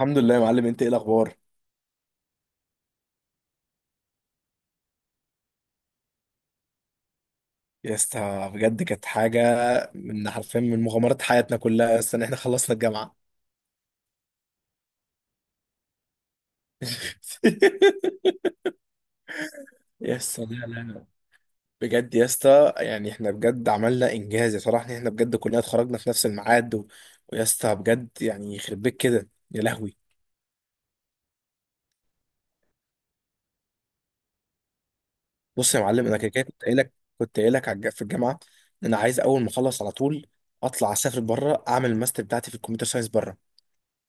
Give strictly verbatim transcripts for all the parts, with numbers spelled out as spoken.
الحمد لله يا معلم، انت ايه الاخبار؟ يا اسطى بجد كانت حاجه، من حرفيا من مغامرات حياتنا كلها يا اسطى ان احنا خلصنا الجامعه. يا اسطى لا لا لا، بجد يا اسطى يعني احنا بجد عملنا انجاز يا صراحه، ان احنا بجد كلنا اتخرجنا في نفس الميعاد و... ويا اسطى بجد يعني يخرب بيك كده، يا لهوي. بص يا معلم، انا كده كده كنت قايل لك، كنت قايل لك على الج- في الجامعه ان انا عايز اول ما اخلص على طول اطلع اسافر بره، اعمل الماستر بتاعتي في الكمبيوتر ساينس بره.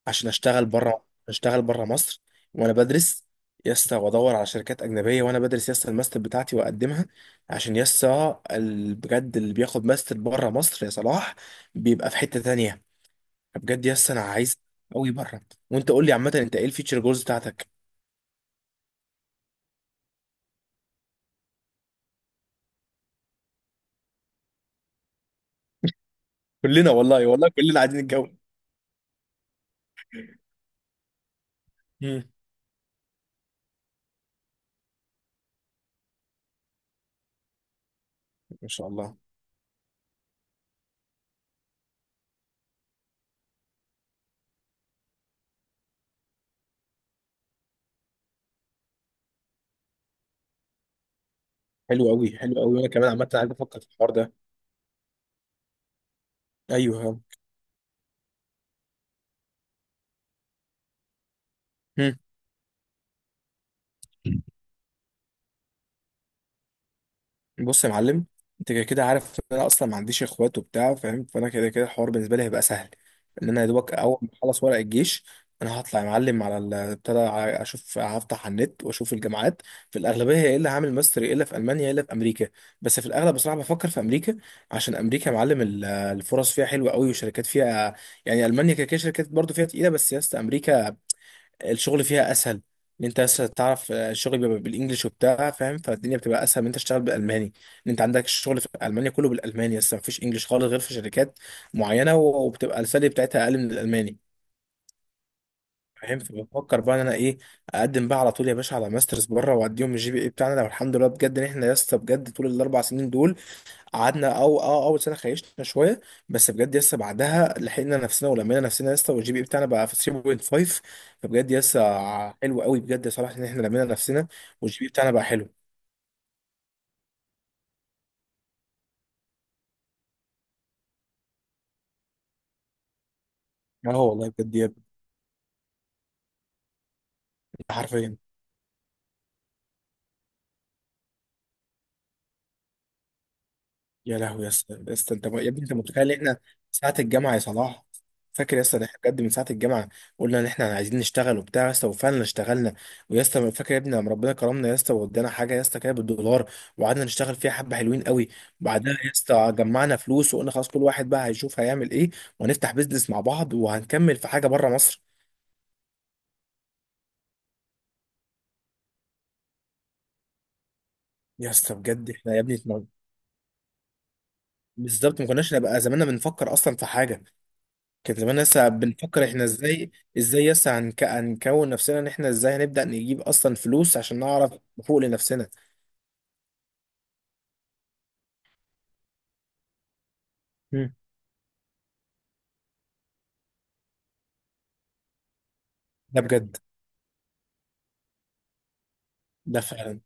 عشان اشتغل بره، اشتغل بره مصر وانا بدرس يسطا، وادور على شركات اجنبيه وانا بدرس يسطا الماستر بتاعتي واقدمها. عشان يسطا ال- بجد اللي بياخد ماستر بره مصر يا صلاح بيبقى في حته تانية. بجد يسطا انا عايز قوي بره. وانت قول لي عامه، انت ايه الفيتشر جولز بتاعتك؟ كلنا والله والله كلنا عايزين نتجوز. مم. ما شاء الله. حلو قوي، حلو قوي، وانا كمان عامه عايز افكر في الحوار ده. ايوه. مم. بص يا معلم، انت كده كده عارف ان انا اصلا ما عنديش اخوات وبتاع فاهم، فانا كده كده الحوار بالنسبه لي هيبقى سهل. ان انا يا دوبك اول ما اخلص ورق الجيش انا هطلع يا معلم على ال- ابتدى ع- اشوف، هفتح على النت واشوف الجامعات. في الاغلبيه يا الا هعمل ماستر يا الا في المانيا يا الا في امريكا، بس في الاغلب بصراحه بفكر في امريكا. عشان امريكا يا معلم ال- الفرص فيها حلوه قوي والشركات فيها، يعني المانيا كده كده شركات برضه فيها تقيله، بس يا اسطى امريكا الشغل فيها اسهل. ان انت بس تعرف آه، الشغل بيبقى بالانجلش وبتاع فاهم، فالدنيا بتبقى اسهل. ان انت تشتغل بالالماني، ان انت عندك الشغل في المانيا كله بالالماني بس مفيش انجلش خالص غير في شركات معينه، وبتبقى السالري بتاعتها اقل من الالماني. فاهم؟ فبفكر بقى ان انا ايه، اقدم بقى على طول يا باشا على ماسترز بره واديهم الجي بي اي بتاعنا، لو الحمد لله بجد ان احنا لسه بجد طول الاربع سنين دول قعدنا، او اه اول سنه خيشنا شويه بس بجد لسه بعدها لحقنا نفسنا ولمينا نفسنا لسه، والجي بي اي بتاعنا بقى في تلاته فاصلة خمسة. فبجد لسه حلو قوي بجد يا صلاح ان احنا لمينا نفسنا والجي بي اي بتاعنا بقى حلو. اه والله بجد يا ابني، حرفيا. يا لهوي يا اسطى، يا اسطى انت يا ابني انت متخيل احنا ساعة الجامعة يا صلاح؟ فاكر يا اسطى؟ ده احنا بجد من ساعة الجامعة قلنا ان احنا عايزين نشتغل وبتاع يا اسطى، وفعلا اشتغلنا. ويا اسطى فاكر يا ابني لما ربنا كرمنا يا اسطى وادانا حاجة يا اسطى كده بالدولار، وقعدنا نشتغل فيها حبة حلوين قوي. بعدها يا اسطى جمعنا فلوس وقلنا خلاص كل واحد بقى هيشوف هيعمل ايه، وهنفتح بيزنس مع بعض وهنكمل في حاجة بره مصر. يا اسطى بجد احنا يا ابني اتنا- بالظبط، ما كناش نبقى زماننا بنفكر اصلا في حاجة، كان زمان لسه بنفكر احنا ازاي، ازاي لسه هنك... هنكون نفسنا ان احنا ازاي هنبدأ نجيب اصلا فلوس عشان نعرف نفوق لنفسنا. مم. ده بجد. ده فعلا.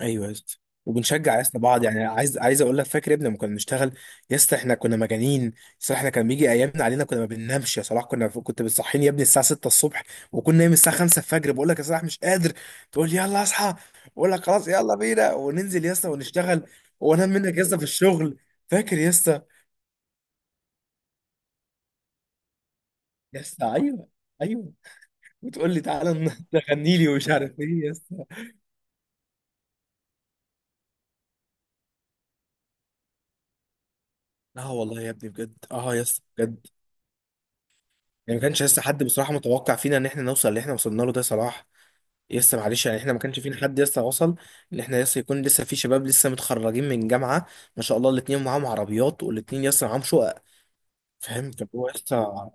ايوه يا اسطى. وبنشجع يا اسطى بعض، يعني عايز عايز اقول لك، فاكر يا ابني لما كنا بنشتغل يا اسطى احنا كنا مجانين؟ صلاح احنا كان بيجي ايامنا علينا كنا ما بننامش يا صلاح، كنا كنت بتصحيني يا ابني الساعه سته الصبح وكنا نايم الساعه خمسه الفجر، بقول لك يا صلاح مش قادر، تقول لي يلا اصحى، اقول لك خلاص يلا بينا، وننزل يا اسطى ونشتغل وانام منك يا اسطى في الشغل. فاكر يا اسطى؟ يس. ايوه، ايوه. وتقول لي تعالى ن- نغني لي ومش عارف ايه يس. لا والله يا ابني بجد اه يس بجد. يعني ما كانش لسه حد بصراحه متوقع فينا ان احنا نوصل اللي احنا وصلنا له ده صلاح، يس معلش يعني احنا ما كانش فينا حد لسه وصل. ان احنا لسه يكون لسه في شباب لسه متخرجين من جامعه، ما شاء الله الاتنين معاهم عربيات والاتنين لسه معاهم شقق، فاهم؟ فهو لسه.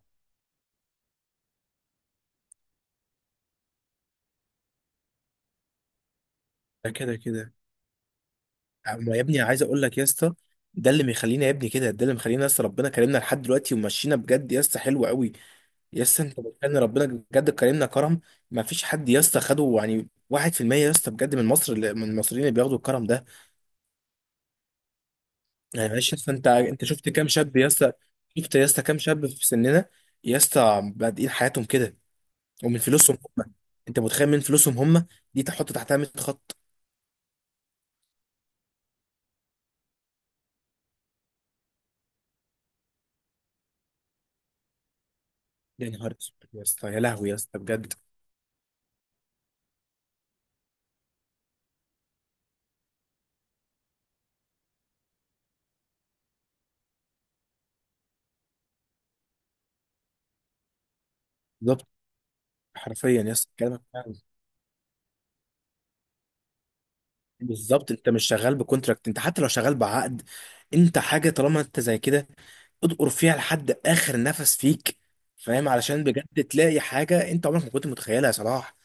ده كده كده. أما يا ابني عايز اقول لك يا اسطى، ده اللي مخلينا يا ابني كده، ده اللي مخلينا لسه ربنا كرمنا لحد دلوقتي ومشينا بجد يا اسطى حلو قوي. يس انت بتكلم، ربنا بجد كرمنا كرم ما فيش حد يس خده، يعني واحد في المية، يس بجد من مصر، اللي- من المصريين اللي بياخدوا الكرم ده. يعني معلش يس، انت انت شفت كام شاب يس؟ شفت يس كام شاب في سننا يس بادئين حياتهم كده؟ ومن فلوسهم هم، انت متخيل؟ من فلوسهم هم. دي تحط تحتها ميه خط. يا نهار اسود يس، يا لهوي يس بجد. بالظبط، حرفيا يس كلامك فعلا. بالظبط، انت مش شغال بكونتراكت، انت حتى لو شغال بعقد، انت حاجه طالما انت زي كده ادقر فيها لحد اخر نفس فيك. فاهم؟ علشان بجد تلاقي حاجه انت عمرك ما كنت متخيلها يا صلاح.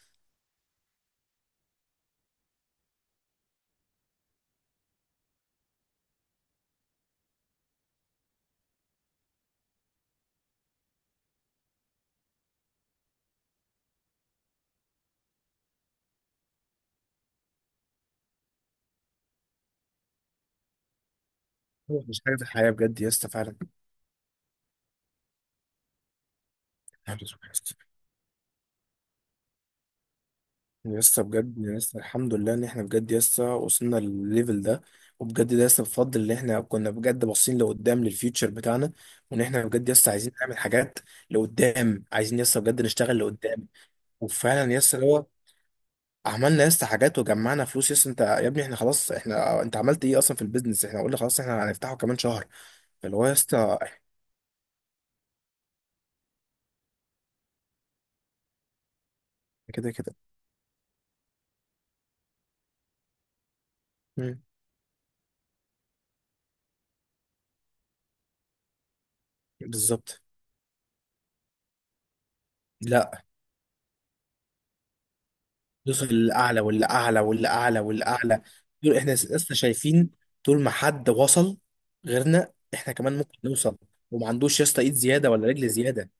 هو مش حاجه في الحياه بجد يا اسطى فعلا. الحمد لله يا اسطى. يا اسطى بجد يا اسطى، الحمد لله ان احنا بجد يا اسطى وصلنا للليفل ده، وبجد ده يا اسطى بفضل ان احنا كنا بجد باصين لقدام للفيوتشر بتاعنا، وان احنا بجد يا اسطى عايزين نعمل حاجات لقدام، عايزين يا اسطى بجد نشتغل لقدام. وفعلا يا اسطى اللي هو عملنا يا اسطى حاجات، وجمعنا فلوس يا اسطى. انت يا ابني احنا خلاص، احنا انت عملت ايه اصلا في البيزنس؟ احنا قلنا خلاص احنا هنفتحه كمان شهر، اللي هو يا اسطى إحنا كده كده. مم. بالظبط. لا، دوس الاعلى والاعلى والاعلى والاعلى. دول احنا لسه شايفين، طول ما حد وصل غيرنا احنا كمان ممكن نوصل، وما عندوش يا اسطى ايد زياده ولا رجل زياده.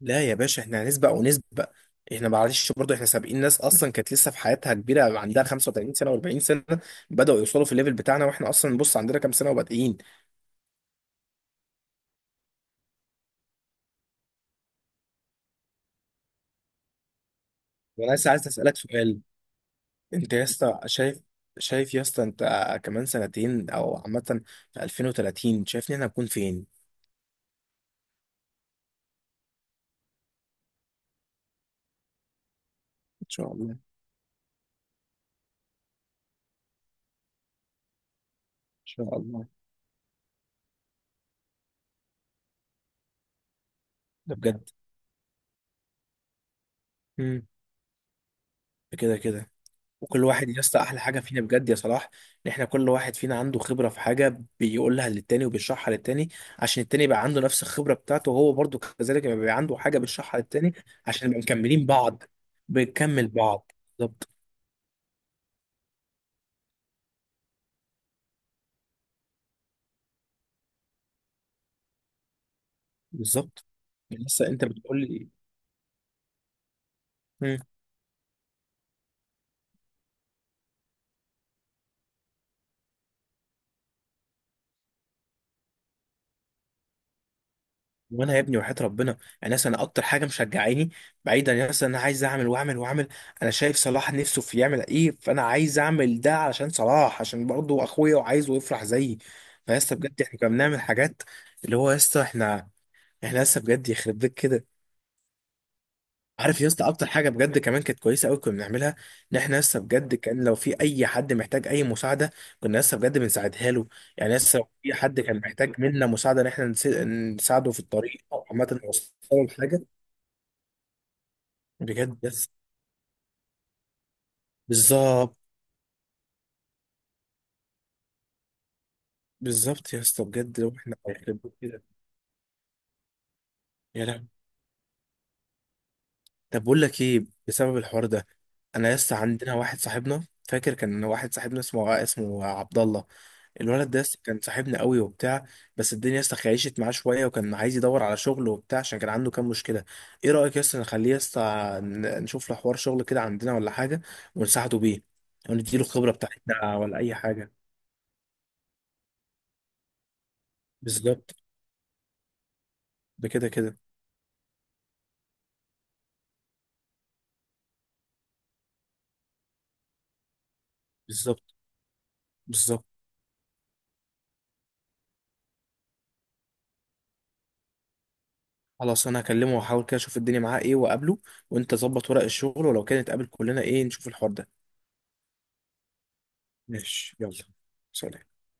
لا يا باشا احنا هنسبق ونسبق. احنا معلش برضه احنا سابقين ناس اصلا كانت لسه في حياتها كبيره عندها خمسة وثلاثين سنه و40 سنه بداوا يوصلوا في الليفل بتاعنا، واحنا اصلا بص عندنا كام سنه وبادئين. وانا لسه عايز اسالك سؤال، انت يا اسطى شايف، شايف يا اسطى انت كمان سنتين او عامة في ألفين وثلاثين شايفني انا هكون فين؟ ان شاء الله، ان شاء الله. ده بجد. امم. ده كده كده. وكل واحد يا اسطى، احلى حاجة فينا بجد يا صلاح ان احنا كل واحد فينا عنده خبرة في حاجة بيقولها للتاني وبيشرحها للتاني، عشان التاني يبقى عنده نفس الخبرة بتاعته، وهو برضه كذلك يبقى عنده حاجة بيشرحها للتاني، عشان نبقى مكملين بعض. بنكمل بعض. بالظبط، بالظبط. لسه انت بتقول لي. وانا يا ابني وحياة ربنا، يعني مثلا انا اكتر حاجه مشجعاني، بعيدا يعني مثلا انا عايز اعمل واعمل واعمل، انا شايف صلاح نفسه في يعمل ايه، فانا عايز اعمل ده علشان صلاح، عشان برضه اخويا وعايزه يفرح زيي. فيسطا بجد احنا كنا بنعمل حاجات، اللي هو يسطا احنا، احنا لسه بجد يخرب بيت كده. عارف يا اسطى اكتر حاجه بجد كمان كانت كويسه قوي كنا بنعملها؟ ان احنا لسه بجد كان لو في اي حد محتاج اي مساعده كنا لسه بجد بنساعدها له. يعني لسه لو في حد كان محتاج منا مساعده ان احنا نس- نساعده في الطريق او عامه نوصله لحاجه بجد بس. بالظبط، بالظبط يا اسطى بجد، لو احنا هيخربوا كده يا لهوي. طب بقول لك ايه، بسبب الحوار ده انا يا اسطى عندنا واحد صاحبنا، فاكر؟ كان واحد صاحبنا اسمه اسمه عبد الله. الولد ده يا اسطى كان صاحبنا قوي وبتاع، بس الدنيا يا اسطى خيشت معاه شويه وكان عايز يدور على شغل وبتاع عشان كان عنده كام مشكله. ايه رايك يا اسطى نخليه يا اسطى ن- نشوف له حوار شغل كده عندنا ولا حاجه، ونساعده بيه ونديله الخبره بتاعتنا ولا اي حاجه؟ بالظبط، بكده كده. بالظبط، بالظبط. خلاص انا هكلمه واحاول كده اشوف الدنيا معاه ايه واقابله، وانت ظبط ورق الشغل، ولو كانت قابل كلنا ايه نشوف الحوار ده. ماشي يلا، سلام.